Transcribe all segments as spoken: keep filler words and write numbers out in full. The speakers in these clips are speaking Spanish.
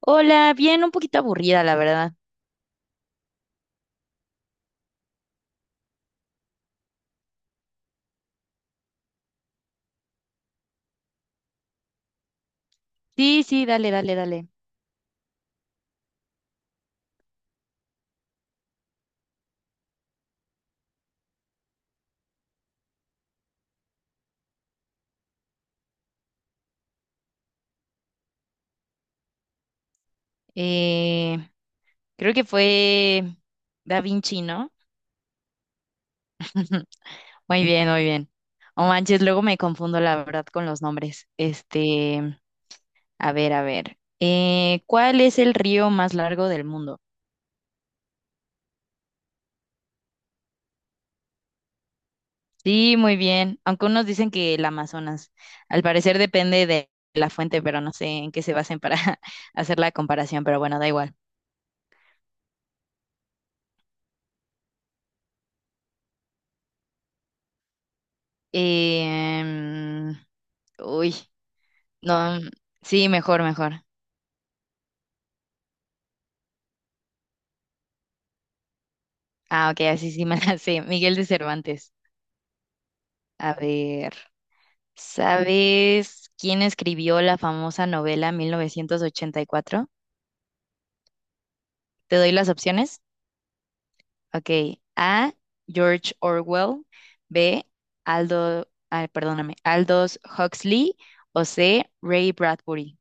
Hola, bien, un poquito aburrida, la verdad. Sí, sí, dale, dale, dale. Eh, creo que fue Da Vinci, ¿no? Muy bien, muy bien. Oh, manches, luego me confundo, la verdad, con los nombres. Este, a ver, a ver. Eh, ¿cuál es el río más largo del mundo? Sí, muy bien. Aunque unos dicen que el Amazonas. Al parecer depende de la fuente, pero no sé en qué se basen para hacer la comparación, pero bueno, da igual. Eh, uy. No, mm, sí, mejor, mejor. Ah, ok, así sí me la sé. Miguel de Cervantes. A ver, ¿sabes quién escribió la famosa novela mil novecientos ochenta y cuatro? ¿Te doy las opciones? Ok, A, George Orwell, B, Aldo, ah, perdóname, Aldous Huxley, o C, Ray Bradbury.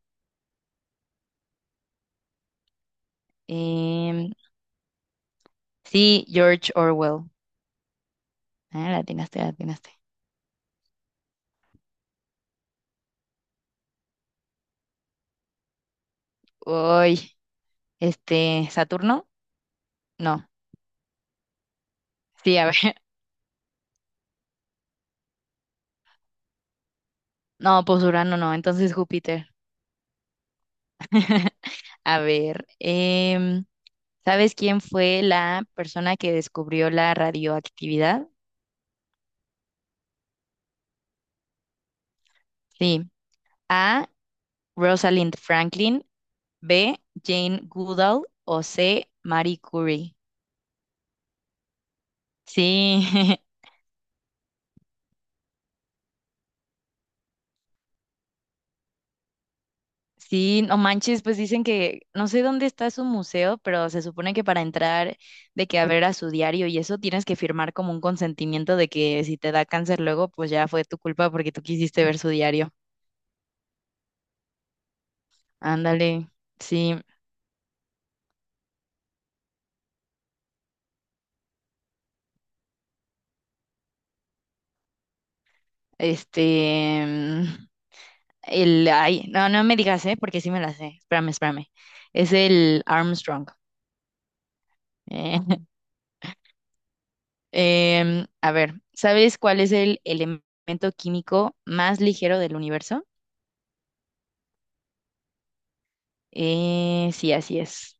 Em, sí, George Orwell. Ah, la atinaste, la atinaste. Uy, este, ¿Saturno? No. Sí, a ver. No, pues Urano no, entonces Júpiter. A ver, em, ¿sabes quién fue la persona que descubrió la radioactividad? Sí. A, Rosalind Franklin. B, Jane Goodall. O C, Marie Curie. Sí, sí, no manches, pues dicen que no sé dónde está su museo, pero se supone que para entrar, de que a ver a su diario y eso, tienes que firmar como un consentimiento de que si te da cáncer luego, pues ya fue tu culpa porque tú quisiste ver su diario. Ándale, sí, este, mm, el, ay, no, no me digas, ¿eh? Porque sí me la sé, espérame, espérame, es el Armstrong. Eh, em, a ver, ¿sabes cuál es el elemento químico más ligero del universo? Eh, sí, así es.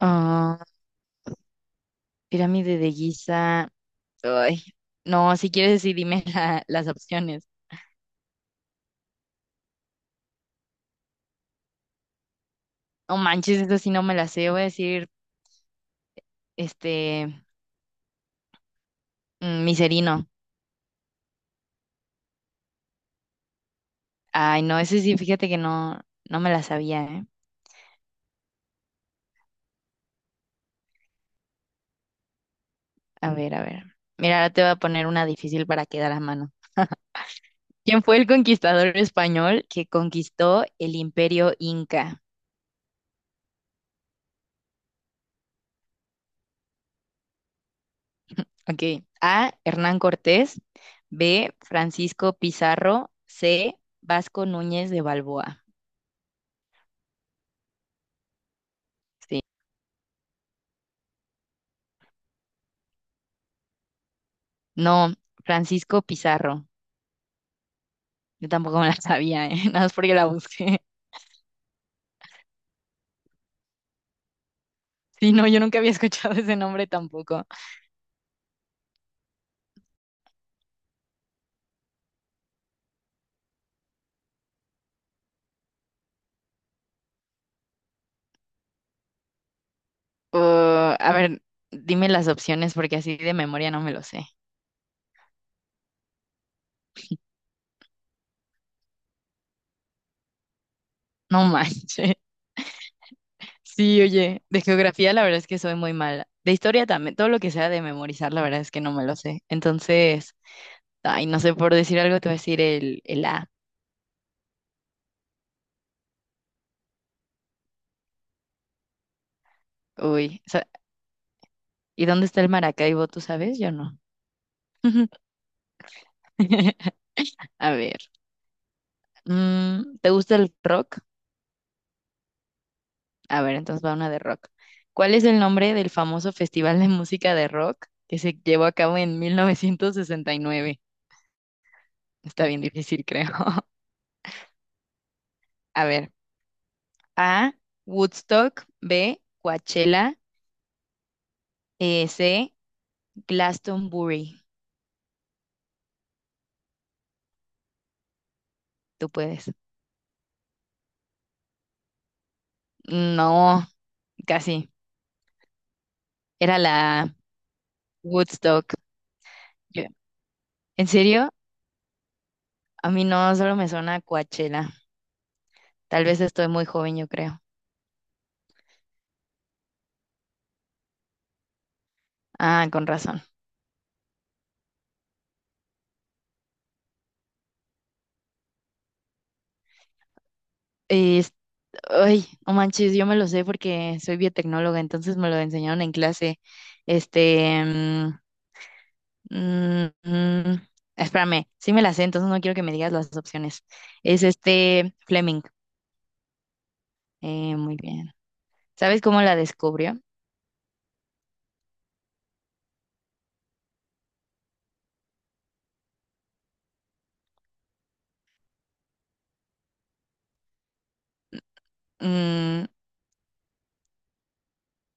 Ah, pirámide de Giza, ay, no, si quieres sí dime la- las opciones. No manches, eso sí no me la sé, voy a decir, este, mm, miserino. Ay, no, ese sí, fíjate que no, no me la sabía, ¿eh? A ver, a ver. Mira, ahora te voy a poner una difícil para quedar a mano. ¿Quién fue el conquistador español que conquistó el imperio Inca? Ok. A, Hernán Cortés. B, Francisco Pizarro. C, Vasco Núñez de Balboa. Sí. No, Francisco Pizarro. Yo tampoco me la sabía, ¿eh? Nada más porque la busqué. Sí, no, yo nunca había escuchado ese nombre tampoco. Uh, a ver, dime las opciones porque así de memoria no me lo sé. No manches. Sí, oye, de geografía la verdad es que soy muy mala. De historia también, todo lo que sea de memorizar la verdad es que no me lo sé. Entonces, ay, no sé, por decir algo te voy a decir el, el, A. Uy, sa- ¿y dónde está el Maracaibo? ¿Tú sabes? Yo no. A ver, mm, ¿te gusta el rock? A ver, entonces va una de rock. ¿Cuál es el nombre del famoso festival de música de rock que se llevó a cabo en mil novecientos sesenta y nueve? Está bien difícil, creo. A ver, A, Woodstock, B, Coachella, eh, C, Glastonbury. Tú puedes. No, casi. Era la Woodstock. Yo… ¿En serio? A mí no, solo me suena Coachella. Tal vez estoy muy joven, yo creo. Ah, con razón. Es- ay, no manches, yo me lo sé porque soy biotecnóloga, entonces me lo enseñaron en clase. Este, mm, Mm, mm, espérame, sí me la sé, entonces no quiero que me digas las opciones. Es este Fleming. Eh, muy bien. ¿Sabes cómo la descubrió? Mm,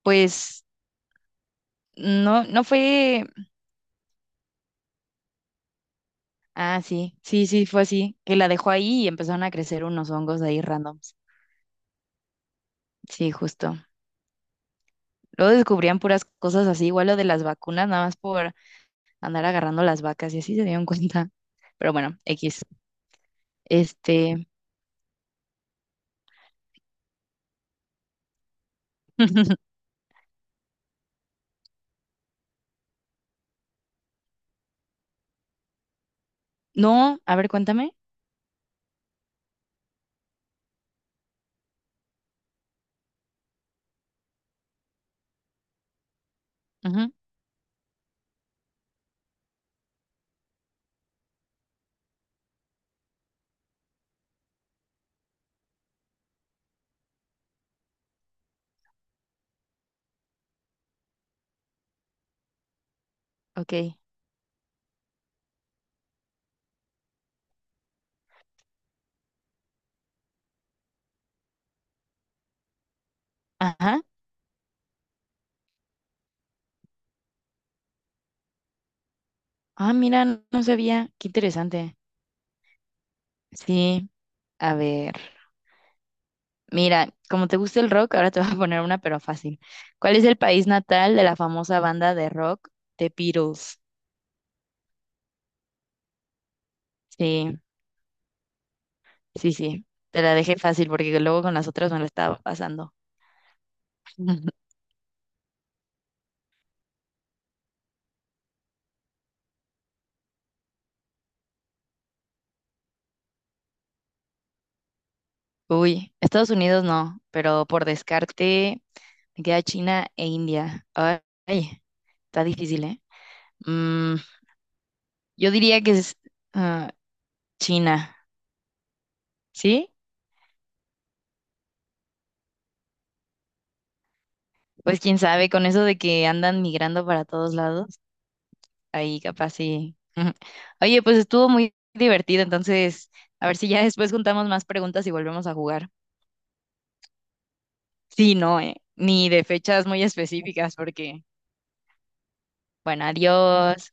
pues no, no fue. Ah, sí, sí, sí, fue así. Que la dejó ahí y empezaron a crecer unos hongos ahí randoms. Sí, justo. Luego descubrían puras cosas así, igual lo de las vacunas, nada más por andar agarrando las vacas y así se dieron cuenta. Pero bueno, X. Este. No, a ver, cuéntame. Ujú, ok. Ajá. Ah, mira, no no sabía. Qué interesante. Sí, a ver. Mira, como te gusta el rock, ahora te voy a poner una, pero fácil. ¿Cuál es el país natal de la famosa banda de rock The Beatles? Sí, sí, sí. Te la dejé fácil porque luego con las otras me lo estaba pasando. Uy, Estados Unidos no, pero por descarte me queda China e India. Ay, está difícil, ¿eh? Mm, yo diría que es ah, China, ¿sí? Pues quién sabe, con eso de que andan migrando para todos lados, ahí capaz sí. Oye, pues estuvo muy divertido, entonces a ver si ya después juntamos más preguntas y volvemos a jugar. Sí, no, eh, ni de fechas muy específicas, porque, bueno, adiós.